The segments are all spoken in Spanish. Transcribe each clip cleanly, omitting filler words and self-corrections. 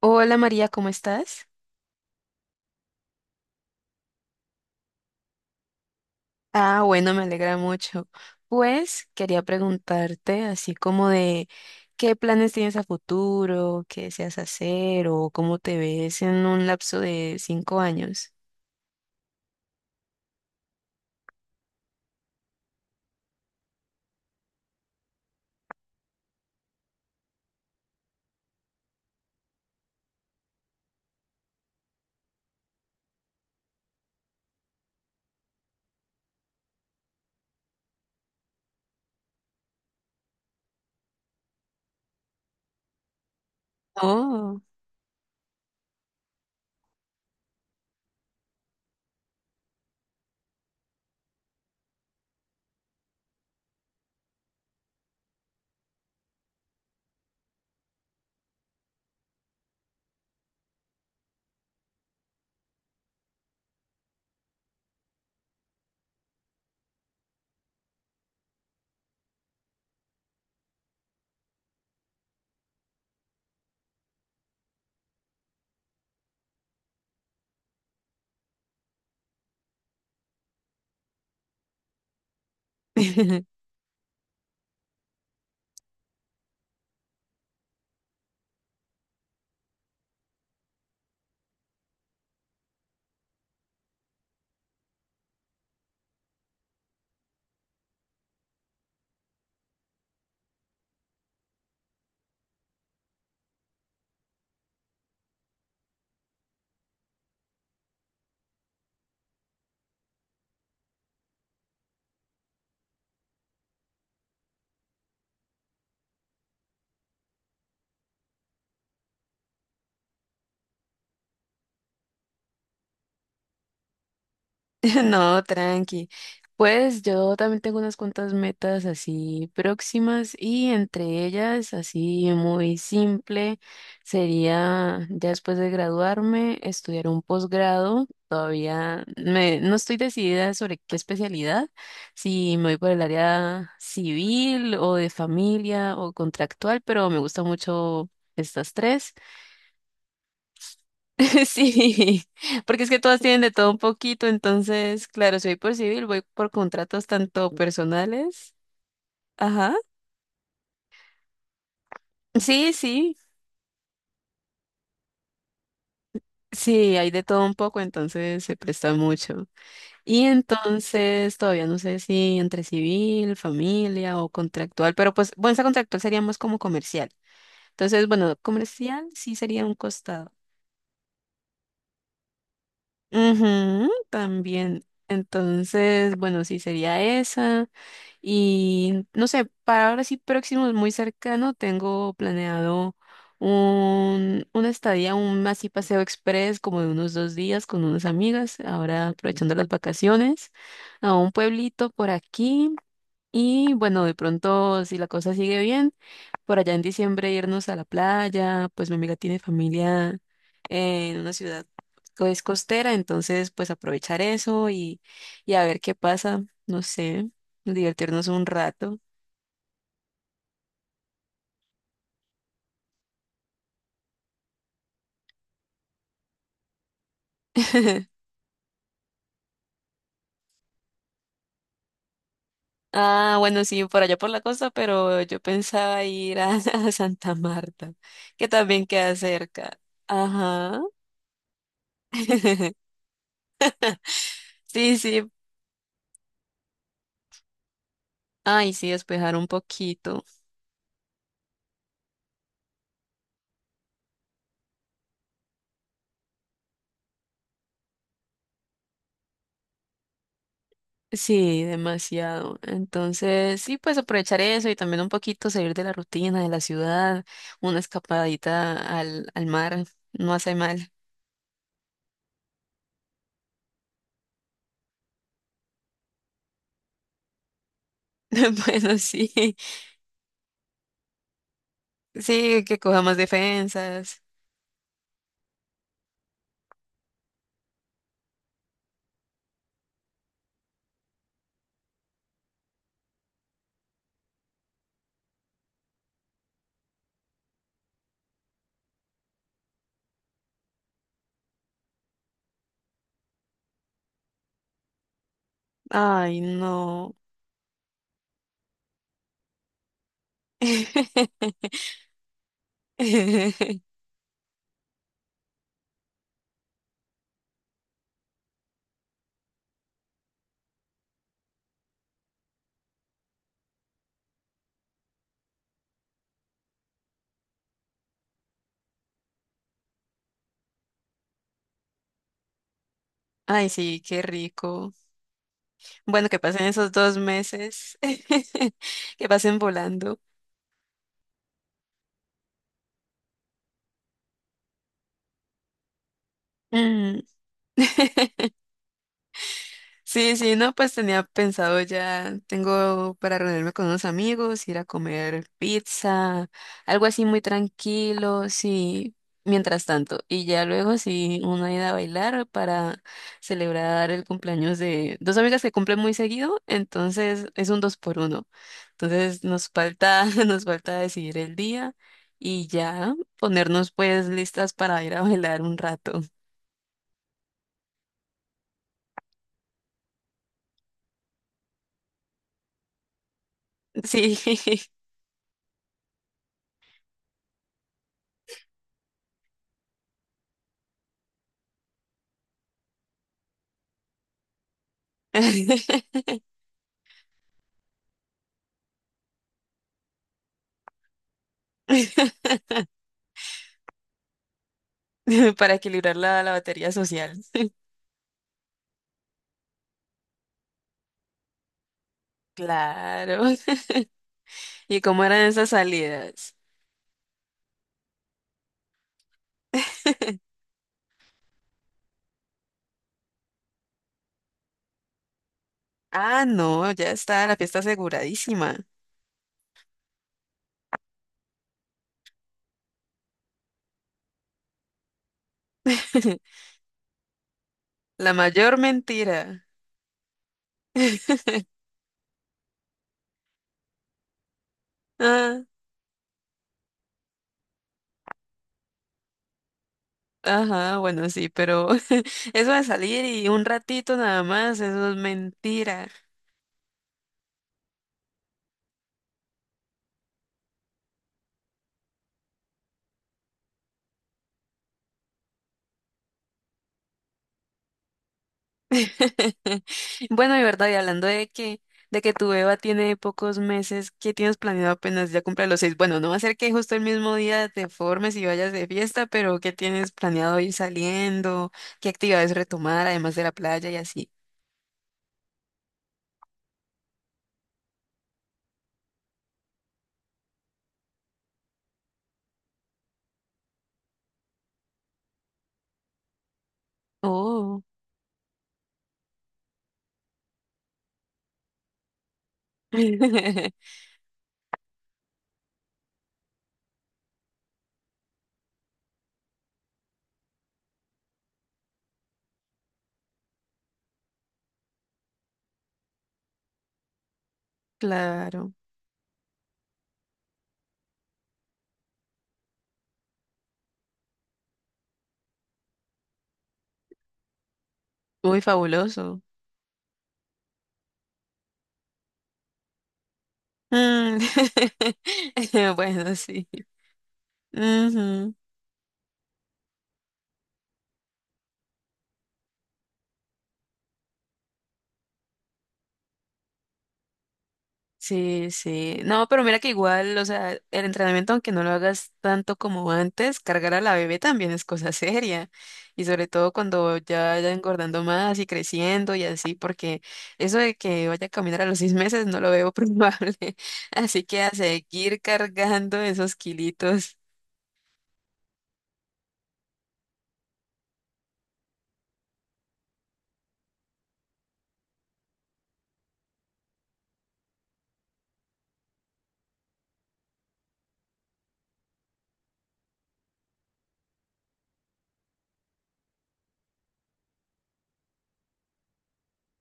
Hola María, ¿cómo estás? Ah, bueno, me alegra mucho. Pues quería preguntarte así como de qué planes tienes a futuro, qué deseas hacer o cómo te ves en un lapso de 5 años. Oh. No, tranqui. Pues yo también tengo unas cuantas metas así próximas y entre ellas, así muy simple, sería ya después de graduarme, estudiar un posgrado. No estoy decidida sobre qué especialidad, si me voy por el área civil o de familia o contractual, pero me gusta mucho estas tres. Sí, porque es que todas tienen de todo un poquito, entonces, claro, soy por civil, voy por contratos tanto personales. Ajá. Sí, sí, sí, hay de todo un poco, entonces se presta mucho. Y entonces todavía no sé si entre civil, familia o contractual, pero pues, bueno, esa contractual sería más como comercial. Entonces, bueno, comercial sí sería un costado. Ujú, también. Entonces, bueno, sí sería esa. Y no sé, para ahora sí próximo, muy cercano, tengo planeado una estadía, un así paseo express como de unos 2 días con unas amigas, ahora aprovechando las vacaciones, a un pueblito por aquí. Y bueno, de pronto, si la cosa sigue bien por allá en diciembre irnos a la playa, pues mi amiga tiene familia en una ciudad que es costera, entonces pues aprovechar eso y a ver qué pasa, no sé, divertirnos un rato. Ah, bueno, sí, por allá por la costa, pero yo pensaba a Santa Marta, que también queda cerca. Ajá. Sí, sí. Ay, sí, despejar un poquito. Sí, demasiado. Entonces, sí, pues aprovechar eso y también un poquito salir de la rutina, de la ciudad, una escapadita al mar, no hace mal. Bueno, sí, sí, que coja más defensas. Ay, no. Ay, sí, qué rico. Bueno, que pasen esos 2 meses, que pasen volando. Mm. Sí, sí, no, pues tenía pensado ya, tengo para reunirme con unos amigos, ir a comer pizza, algo así muy tranquilo, sí, mientras tanto. Y ya luego sí, una ida a bailar para celebrar el cumpleaños de dos amigas que cumplen muy seguido, entonces es un dos por uno. Entonces nos falta, nos falta decidir el día y ya ponernos pues listas para ir a bailar un rato. Sí. para equilibrar la batería social. Claro. ¿Y cómo eran esas salidas? Ah, no, ya está la fiesta aseguradísima. La mayor mentira. Ah, ajá, bueno, sí, pero eso de salir y un ratito nada más, eso es mentira. Bueno, y verdad, y hablando de que tu Eva tiene pocos meses, ¿qué tienes planeado apenas ya cumple los seis? Bueno, no va a ser que justo el mismo día te formes y vayas de fiesta, pero ¿qué tienes planeado ir saliendo? ¿Qué actividades retomar, además de la playa y así? Oh, claro, muy fabuloso. Mm. Bueno, sí. Ujú. Sí, sí. No, pero mira que igual, o sea, el entrenamiento, aunque no lo hagas tanto como antes, cargar a la bebé también es cosa seria. Y sobre todo cuando ya vaya engordando más y creciendo y así, porque eso de que vaya a caminar a los 6 meses no lo veo probable. Así que a seguir cargando esos kilitos.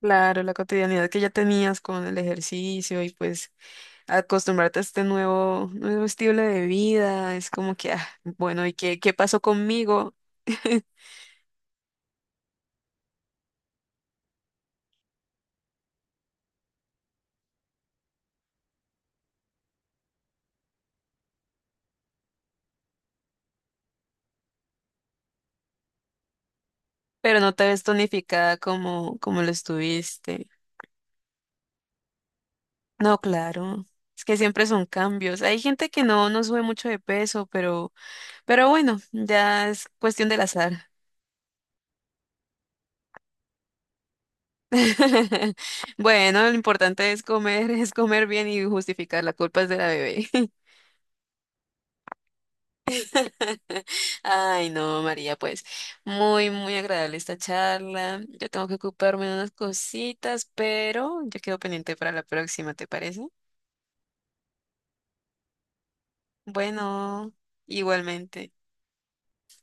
Claro, la cotidianidad que ya tenías con el ejercicio y pues acostumbrarte a este nuevo estilo de vida, es como que, ah, bueno, ¿y qué pasó conmigo? Pero no te ves tonificada como lo estuviste. No, claro. Es que siempre son cambios. Hay gente que no sube mucho de peso, pero bueno, ya es cuestión del azar. Bueno, lo importante es comer, es comer bien y justificar la culpa es de la bebé. Ay, no, María, pues muy, muy agradable esta charla. Yo tengo que ocuparme de unas cositas, pero yo quedo pendiente para la próxima, ¿te parece? Bueno, igualmente.